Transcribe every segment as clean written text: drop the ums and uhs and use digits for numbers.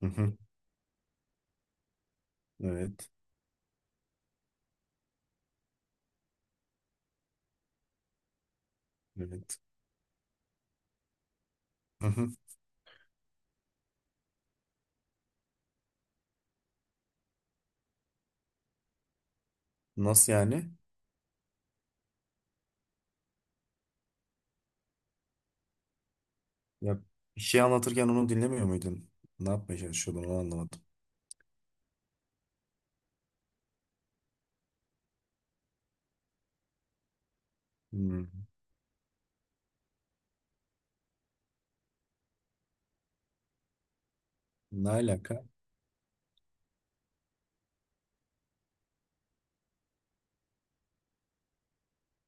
Hı hı. Evet. Evet. Hı hı. Nasıl yani? Ya, bir şey anlatırken onu dinlemiyor muydun? Ne yapmaya çalışıyordun onu anlamadım. Hmm. Ne alaka?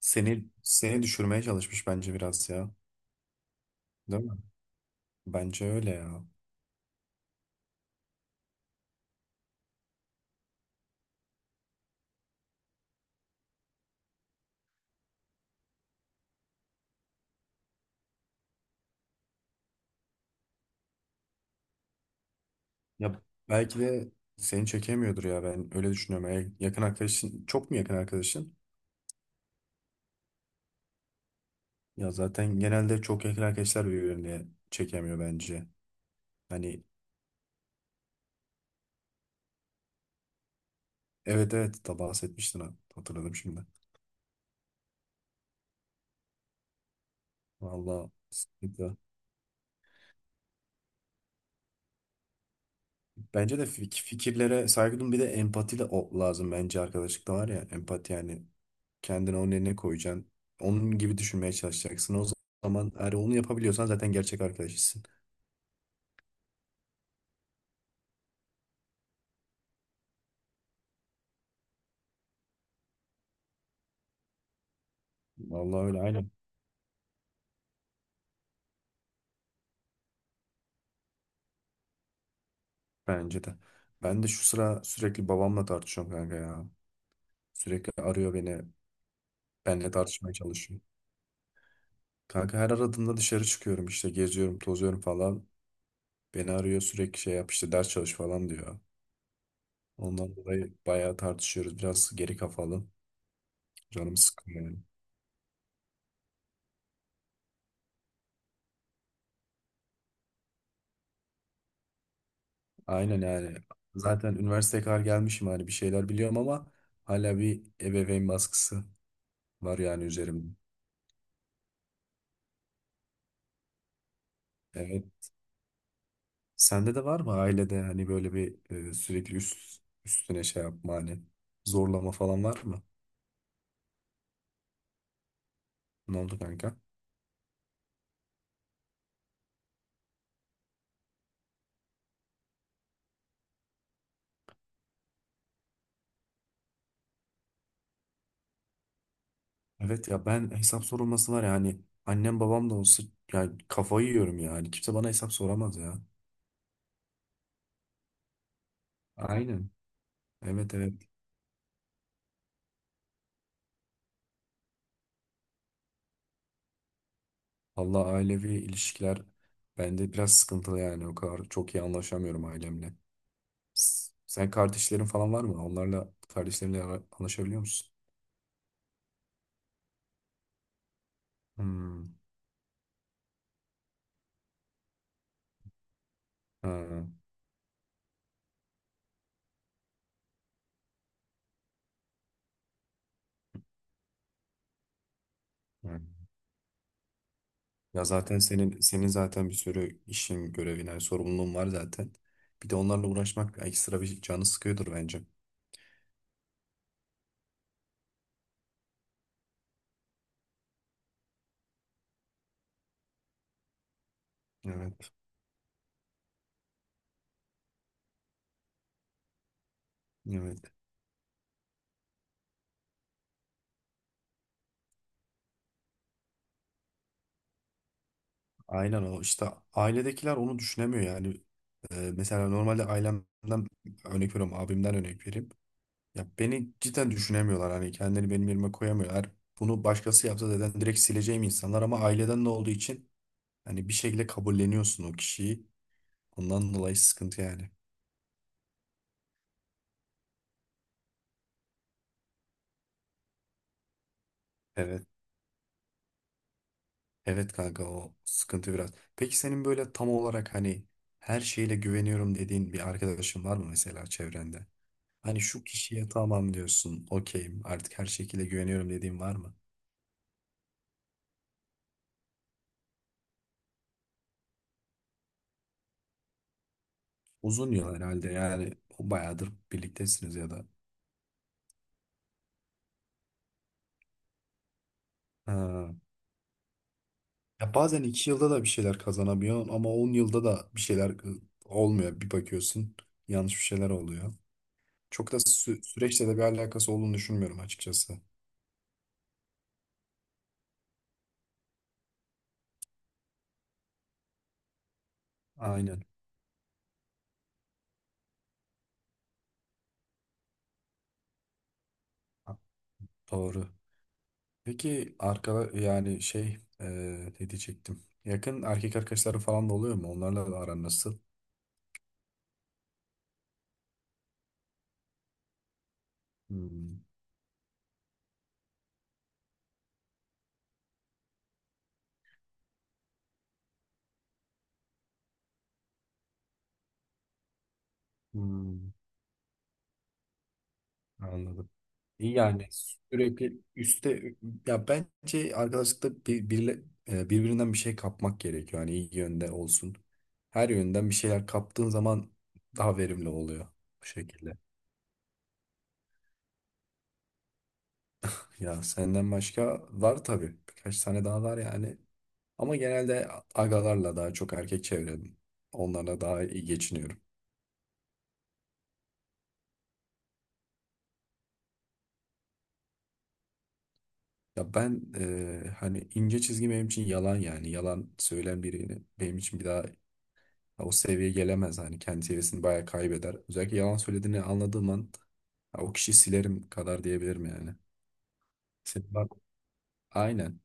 Seni düşürmeye çalışmış bence biraz ya. Değil mi? Bence öyle ya. Ya belki de seni çekemiyordur ya, ben öyle düşünüyorum. Eğer yakın arkadaşın, çok mu yakın arkadaşın? Ya zaten genelde çok yakın arkadaşlar birbirini çekemiyor bence. Hani, evet evet, da bahsetmiştin ha. Hatırladım şimdi. Vallahi sıkıntı. Bence de fikirlere saygı duyun, bir de empati de o lazım bence arkadaşlıkta, var ya empati, yani kendini onun yerine koyacaksın. Onun gibi düşünmeye çalışacaksın. O zaman, eğer onu yapabiliyorsan, zaten gerçek arkadaşısın. Vallahi öyle, aynen, bence de. Ben de şu sıra sürekli babamla tartışıyorum kanka ya. Sürekli arıyor beni. Benle tartışmaya çalışıyor. Kanka, her aradığımda dışarı çıkıyorum, işte geziyorum tozuyorum falan. Beni arıyor sürekli, şey yap işte, ders çalış falan diyor. Ondan dolayı bayağı tartışıyoruz. Biraz geri kafalı. Canım sıkılıyor yani. Aynen yani. Zaten üniversiteye kadar gelmişim, hani bir şeyler biliyorum ama hala bir ebeveyn baskısı var yani üzerimde. Evet. Sende de var mı ailede hani böyle bir sürekli üstüne şey yapma, hani zorlama falan var mı? Ne oldu kanka? Evet ya, ben hesap sorulması var ya hani, annem babam da olsa yani kafayı yiyorum ya. Hani kimse bana hesap soramaz ya. Aynen. Evet, evet. Allah, ailevi ilişkiler bende biraz sıkıntılı yani, o kadar çok iyi anlaşamıyorum ailemle. Sen, kardeşlerin falan var mı? Onlarla, kardeşlerinle anlaşabiliyor musun? Hmm. Ha. Ha. Ya zaten senin zaten bir sürü işin, görevin, yani sorumluluğun var zaten. Bir de onlarla uğraşmak ekstra bir canı sıkıyordur bence. Evet, evet. Aynen, o işte, ailedekiler onu düşünemiyor yani. Mesela normalde ailemden örnek veriyorum, abimden örnek vereyim. Ya beni cidden düşünemiyorlar, hani kendini benim yerime koyamıyorlar. Bunu başkası yapsa zaten direkt sileceğim insanlar, ama aileden de olduğu için hani bir şekilde kabulleniyorsun o kişiyi. Ondan dolayı sıkıntı yani. Evet. Evet kanka, o sıkıntı biraz. Peki senin böyle tam olarak hani, her şeyle güveniyorum dediğin bir arkadaşın var mı mesela çevrende? Hani şu kişiye tamam diyorsun, okeyim artık her şekilde güveniyorum dediğin var mı? Uzun yıl herhalde yani, bayağıdır birliktesiniz ya da. Ha. Ya bazen iki yılda da bir şeyler kazanamıyorsun ama on yılda da bir şeyler olmuyor. Bir bakıyorsun, yanlış bir şeyler oluyor. Çok da süreçle de bir alakası olduğunu düşünmüyorum açıkçası. Aynen. Ha, doğru. Peki yani şey, ne diyecektim? Yakın erkek arkadaşları falan da oluyor mu? Onlarla da aran nasıl? Hmm, hmm, anladım. Yani sürekli üste, ya bence arkadaşlıkta birbirinden bir şey kapmak gerekiyor. Hani iyi yönde olsun. Her yönden bir şeyler kaptığın zaman daha verimli oluyor bu şekilde. Ya senden başka var tabii. Birkaç tane daha var yani. Ama genelde agalarla, daha çok erkek çevrem. Onlarla daha iyi geçiniyorum. Ya ben hani ince çizgi benim için yalan yani. Yalan söyleyen birini benim için bir daha, ya o seviyeye gelemez. Hani kendi seviyesini bayağı kaybeder. Özellikle yalan söylediğini anladığım an, ya o kişiyi silerim kadar diyebilirim yani. Senin var- Aynen.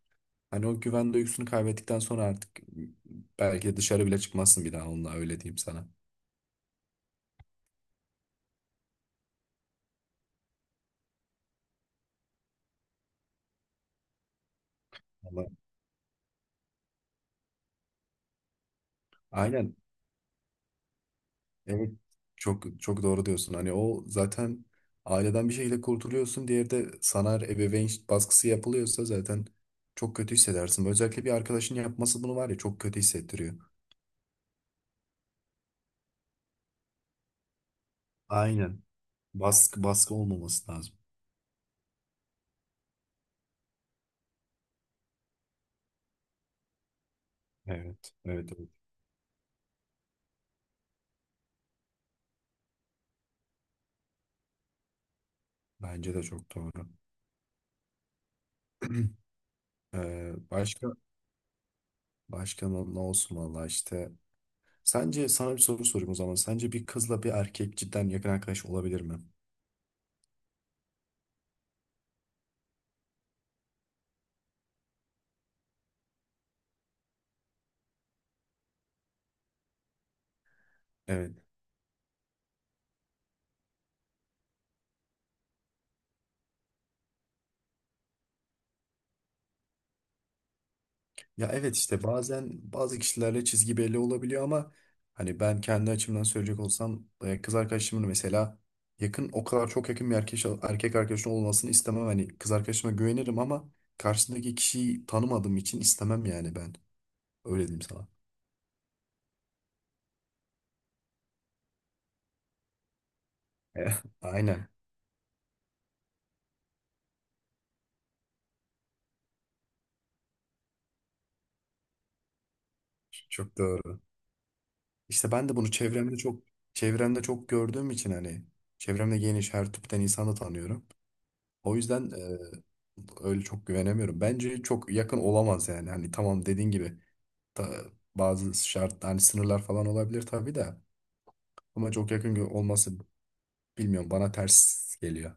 Hani o güven duygusunu kaybettikten sonra, artık belki de dışarı bile çıkmazsın bir daha onunla, öyle diyeyim sana. Vallahi. Aynen. Evet. Çok çok doğru diyorsun. Hani o zaten aileden bir şekilde kurtuluyorsun. Diğeri de sana ebeveyn baskısı yapılıyorsa zaten çok kötü hissedersin. Özellikle bir arkadaşın yapması, bunu var ya, çok kötü hissettiriyor. Aynen. Baskı olmaması lazım. Evet, evet, evet. Bence de çok doğru. Ee, başka başka ne olsun, valla işte. Sence, sana bir soru sorayım o zaman. Sence bir kızla bir erkek cidden yakın arkadaş olabilir mi? Evet. Ya evet, işte bazen bazı kişilerle çizgi belli olabiliyor ama hani ben kendi açımdan söyleyecek olsam, kız arkadaşımın mesela yakın, o kadar çok yakın bir erkek arkadaşın olmasını istemem. Hani kız arkadaşıma güvenirim ama karşısındaki kişiyi tanımadığım için istemem yani ben. Öyle diyeyim sana. Eh, aynen. Çok doğru. İşte ben de bunu çevremde çok, gördüğüm için hani, çevremde geniş her tipten insanı tanıyorum. O yüzden öyle çok güvenemiyorum. Bence çok yakın olamaz yani. Hani tamam, dediğin gibi ta- bazı şart, hani sınırlar falan olabilir tabii de, ama çok yakın olması, bilmiyorum, bana ters geliyor.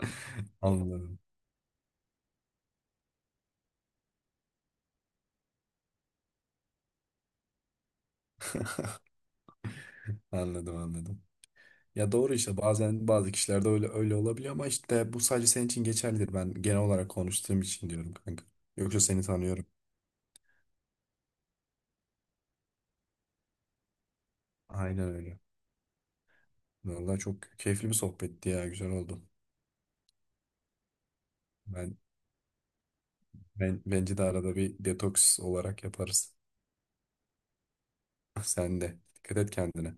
Anladım. Anladım, anladım. Ya doğru, işte bazen bazı kişilerde öyle öyle olabiliyor ama işte bu sadece senin için geçerlidir. Ben genel olarak konuştuğum için diyorum kanka. Yoksa seni tanıyorum. Aynen öyle. Vallahi çok keyifli bir sohbetti ya. Güzel oldu. Ben bence de arada bir detoks olarak yaparız. Sen de. Dikkat et kendine.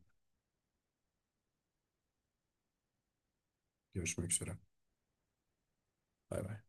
Görüşmek üzere. Bay bay.